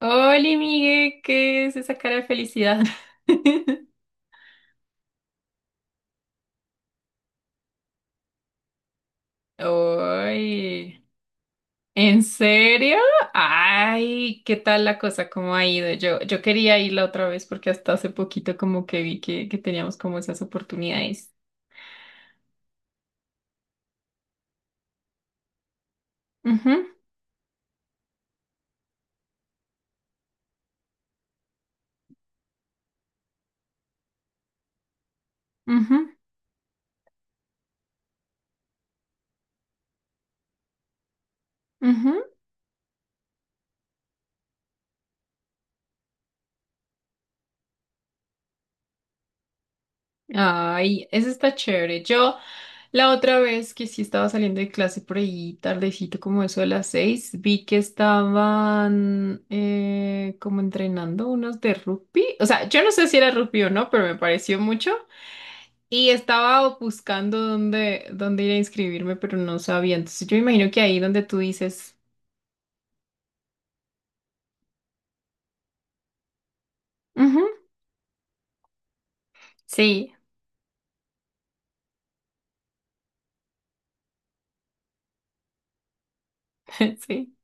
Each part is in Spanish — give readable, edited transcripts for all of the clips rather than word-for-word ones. Hola, Miguel, ¿qué es esa cara de felicidad? ¡Ay! ¿En serio? Ay, ¿qué tal la cosa? ¿Cómo ha ido? Yo quería ir la otra vez porque hasta hace poquito como que vi que teníamos como esas oportunidades. Ujú, ujú, ujú. Ay, eso está chévere. Yo La otra vez que sí estaba saliendo de clase por ahí tardecito, como eso de las 6, vi que estaban como entrenando unos de rugby. O sea, yo no sé si era rugby o no, pero me pareció mucho. Y estaba buscando dónde ir a inscribirme, pero no sabía. Entonces yo me imagino que ahí donde tú dices, "Ujú, sí, sí,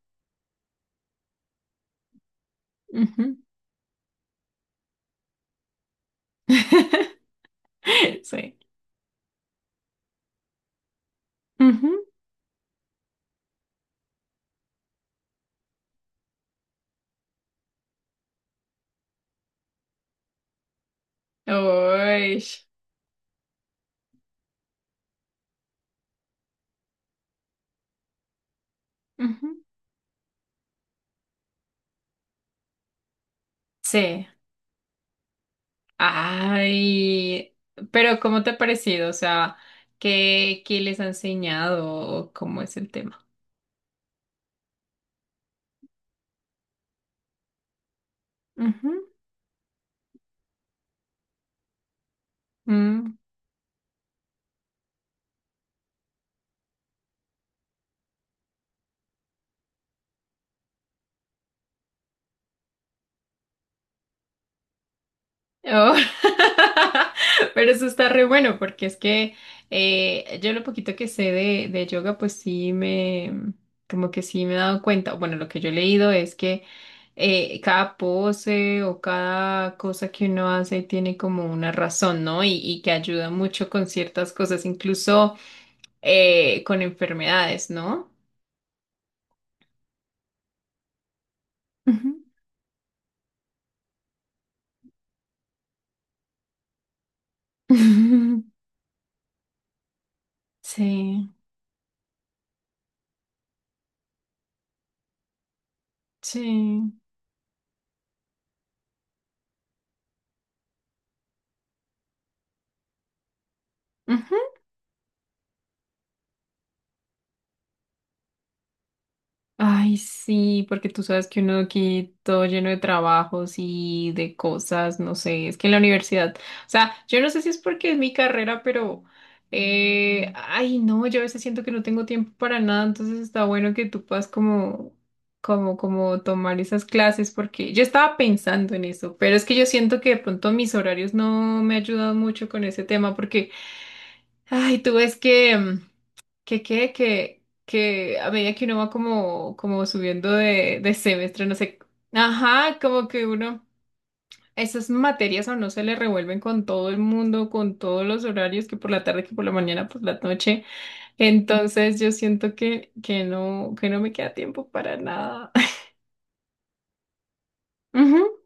ujú, sí, ujú, uy, ujú, sí. Ay, pero ¿cómo te ha parecido? O sea, ¿qué les ha enseñado o cómo es el tema? Ujú, mm, oh. Pero eso está re bueno porque es que yo lo poquito que sé de yoga, pues sí me, como que sí me he dado cuenta, bueno, lo que yo he leído es que cada pose o cada cosa que uno hace tiene como una razón, ¿no? Y que ayuda mucho con ciertas cosas, incluso con enfermedades, ¿no? Ujú. Sí, sí. Ujú. Ay, sí, porque tú sabes que uno aquí todo lleno de trabajos y de cosas, no sé, es que en la universidad, o sea, yo no sé si es porque es mi carrera, pero, ay, no, yo a veces siento que no tengo tiempo para nada, entonces está bueno que tú puedas como, como tomar esas clases, porque yo estaba pensando en eso, pero es que yo siento que de pronto mis horarios no me ayudan mucho con ese tema, porque, ay, tú ves que que quede que a medida que uno va como, como subiendo de semestre, no sé, ajá, como que uno, esas materias a no se le revuelven con todo el mundo, con todos los horarios, que por la tarde, que por la mañana, por la noche. Entonces yo siento que no, que no me queda tiempo para nada. Ujú,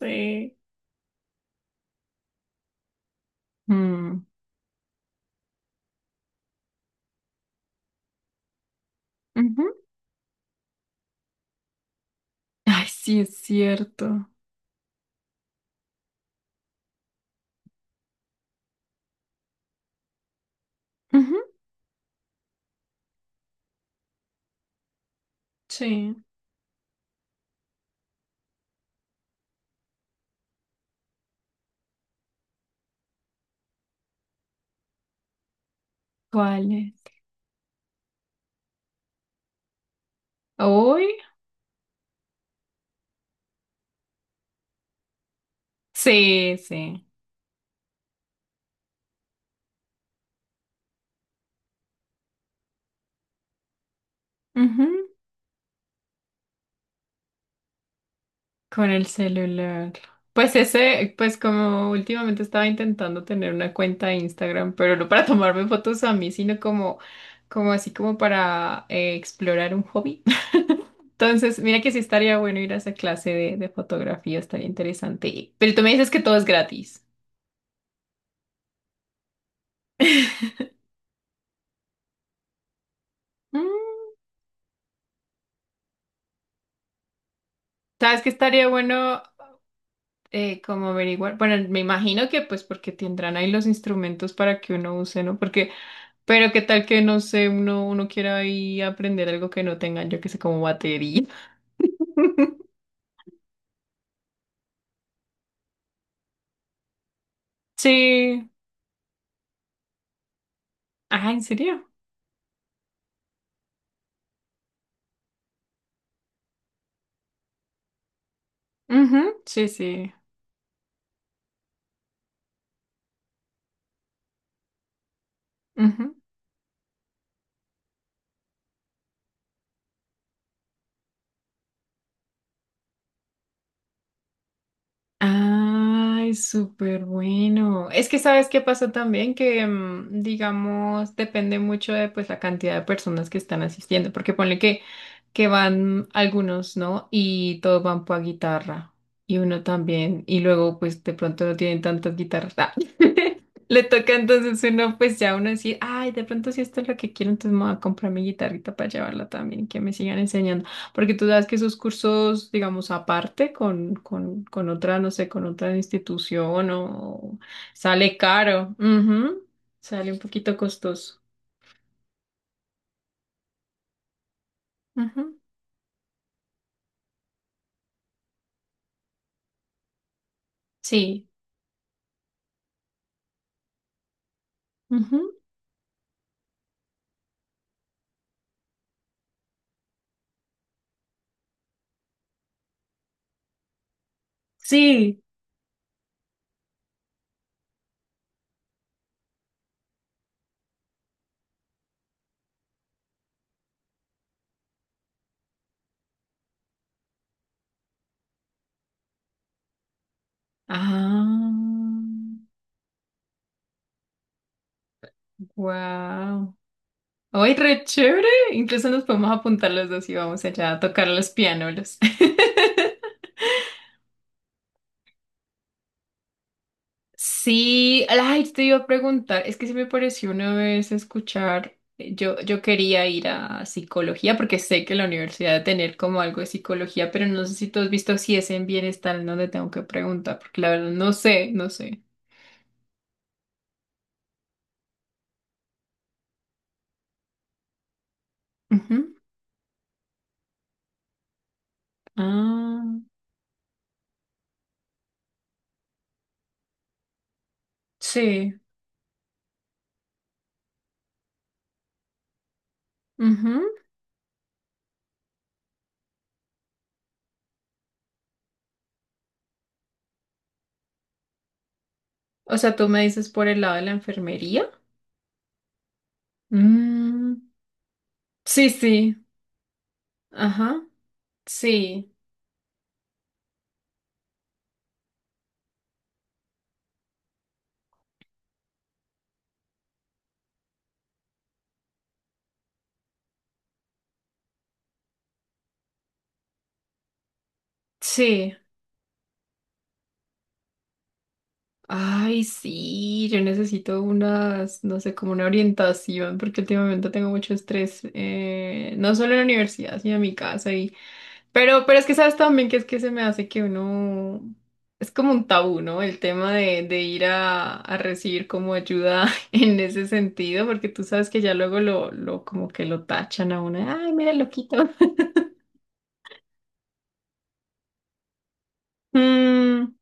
sí. Mm, ujú. Ay, sí, es cierto. Ujú, sí. ¿Cuáles? ¿Hoy? Sí, sí. Con el celular. Pues ese, pues como últimamente estaba intentando tener una cuenta de Instagram, pero no para tomarme fotos a mí, sino como, como así como para explorar un hobby. Entonces, mira que sí estaría bueno ir a esa clase de fotografía, estaría interesante. Pero tú me dices que todo es gratis. Mm, ¿Sabes qué estaría bueno como averiguar? Bueno, me imagino que pues porque tendrán ahí los instrumentos para que uno use, ¿no? Porque Pero qué tal que no sé, uno quiera ahí aprender algo que no tengan, yo que sé, como batería. Sí. Ah, ¿en serio? Ujú, sí, sí. Ujú. Ay, súper bueno. Es que sabes qué pasó también, que digamos, depende mucho de pues la cantidad de personas que están asistiendo, porque ponle que van algunos, ¿no? Y todos van por guitarra, y uno también, y luego pues de pronto no tienen tantas guitarras. Ah, le toca entonces uno pues ya uno decir, ay, de pronto si esto es lo que quiero, entonces me voy a comprar mi guitarrita para llevarla también, que me sigan enseñando. Porque tú sabes que esos cursos, digamos, aparte con, con otra, no sé, con otra institución o sale caro. Ujú. Sale un poquito costoso. Ujú. Sí. Ujú. Sí. Ah, wow. ¡Ay, re chévere! Incluso nos podemos apuntar los dos y vamos allá a tocar los pianolos. Sí, ay, te iba a preguntar, es que se me pareció una vez escuchar, yo quería ir a psicología porque sé que la universidad debe tener como algo de psicología, pero no sé si tú has visto si es en bienestar en donde tengo que preguntar, porque la verdad no sé, no sé. Ujú. Ah, sí. Ujú. O sea, tú me dices por el lado de la enfermería. Mm, sí, sí, ajá, sí, sí. Ay, sí, yo necesito unas, no sé, como una orientación, porque últimamente tengo mucho estrés, no solo en la universidad, sino en mi casa. Y... Pero es que sabes también que es que se me hace que uno, es como un tabú, ¿no? El tema de ir a recibir como ayuda en ese sentido, porque tú sabes que ya luego lo como que lo tachan a uno, ay, mira, el loquito. Mm,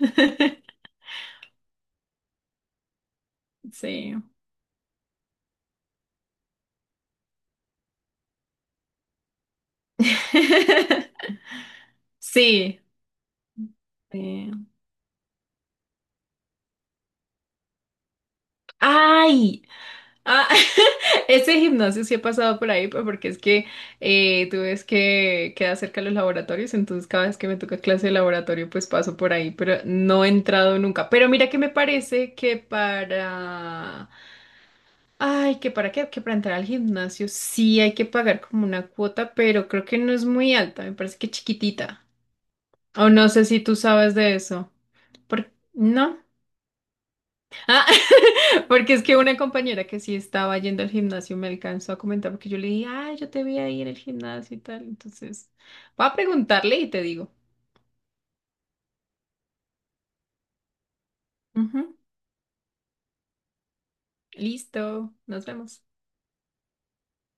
sí. Sí. Sí. Ay, ah, ese gimnasio sí he pasado por ahí, pues, porque es que tú ves que queda cerca de los laboratorios, entonces cada vez que me toca clase de laboratorio, pues paso por ahí, pero no he entrado nunca. Pero mira que me parece que para... Ay, que para qué, que para entrar al gimnasio sí hay que pagar como una cuota, pero creo que no es muy alta, me parece que chiquitita. O no sé si tú sabes de eso. ¿Por...? ¿No? Ah, porque es que una compañera que sí estaba yendo al gimnasio me alcanzó a comentar porque yo le dije, ay, yo te vi ahí en el gimnasio y tal. Entonces, voy a preguntarle y te digo. Ujú, listo, nos vemos.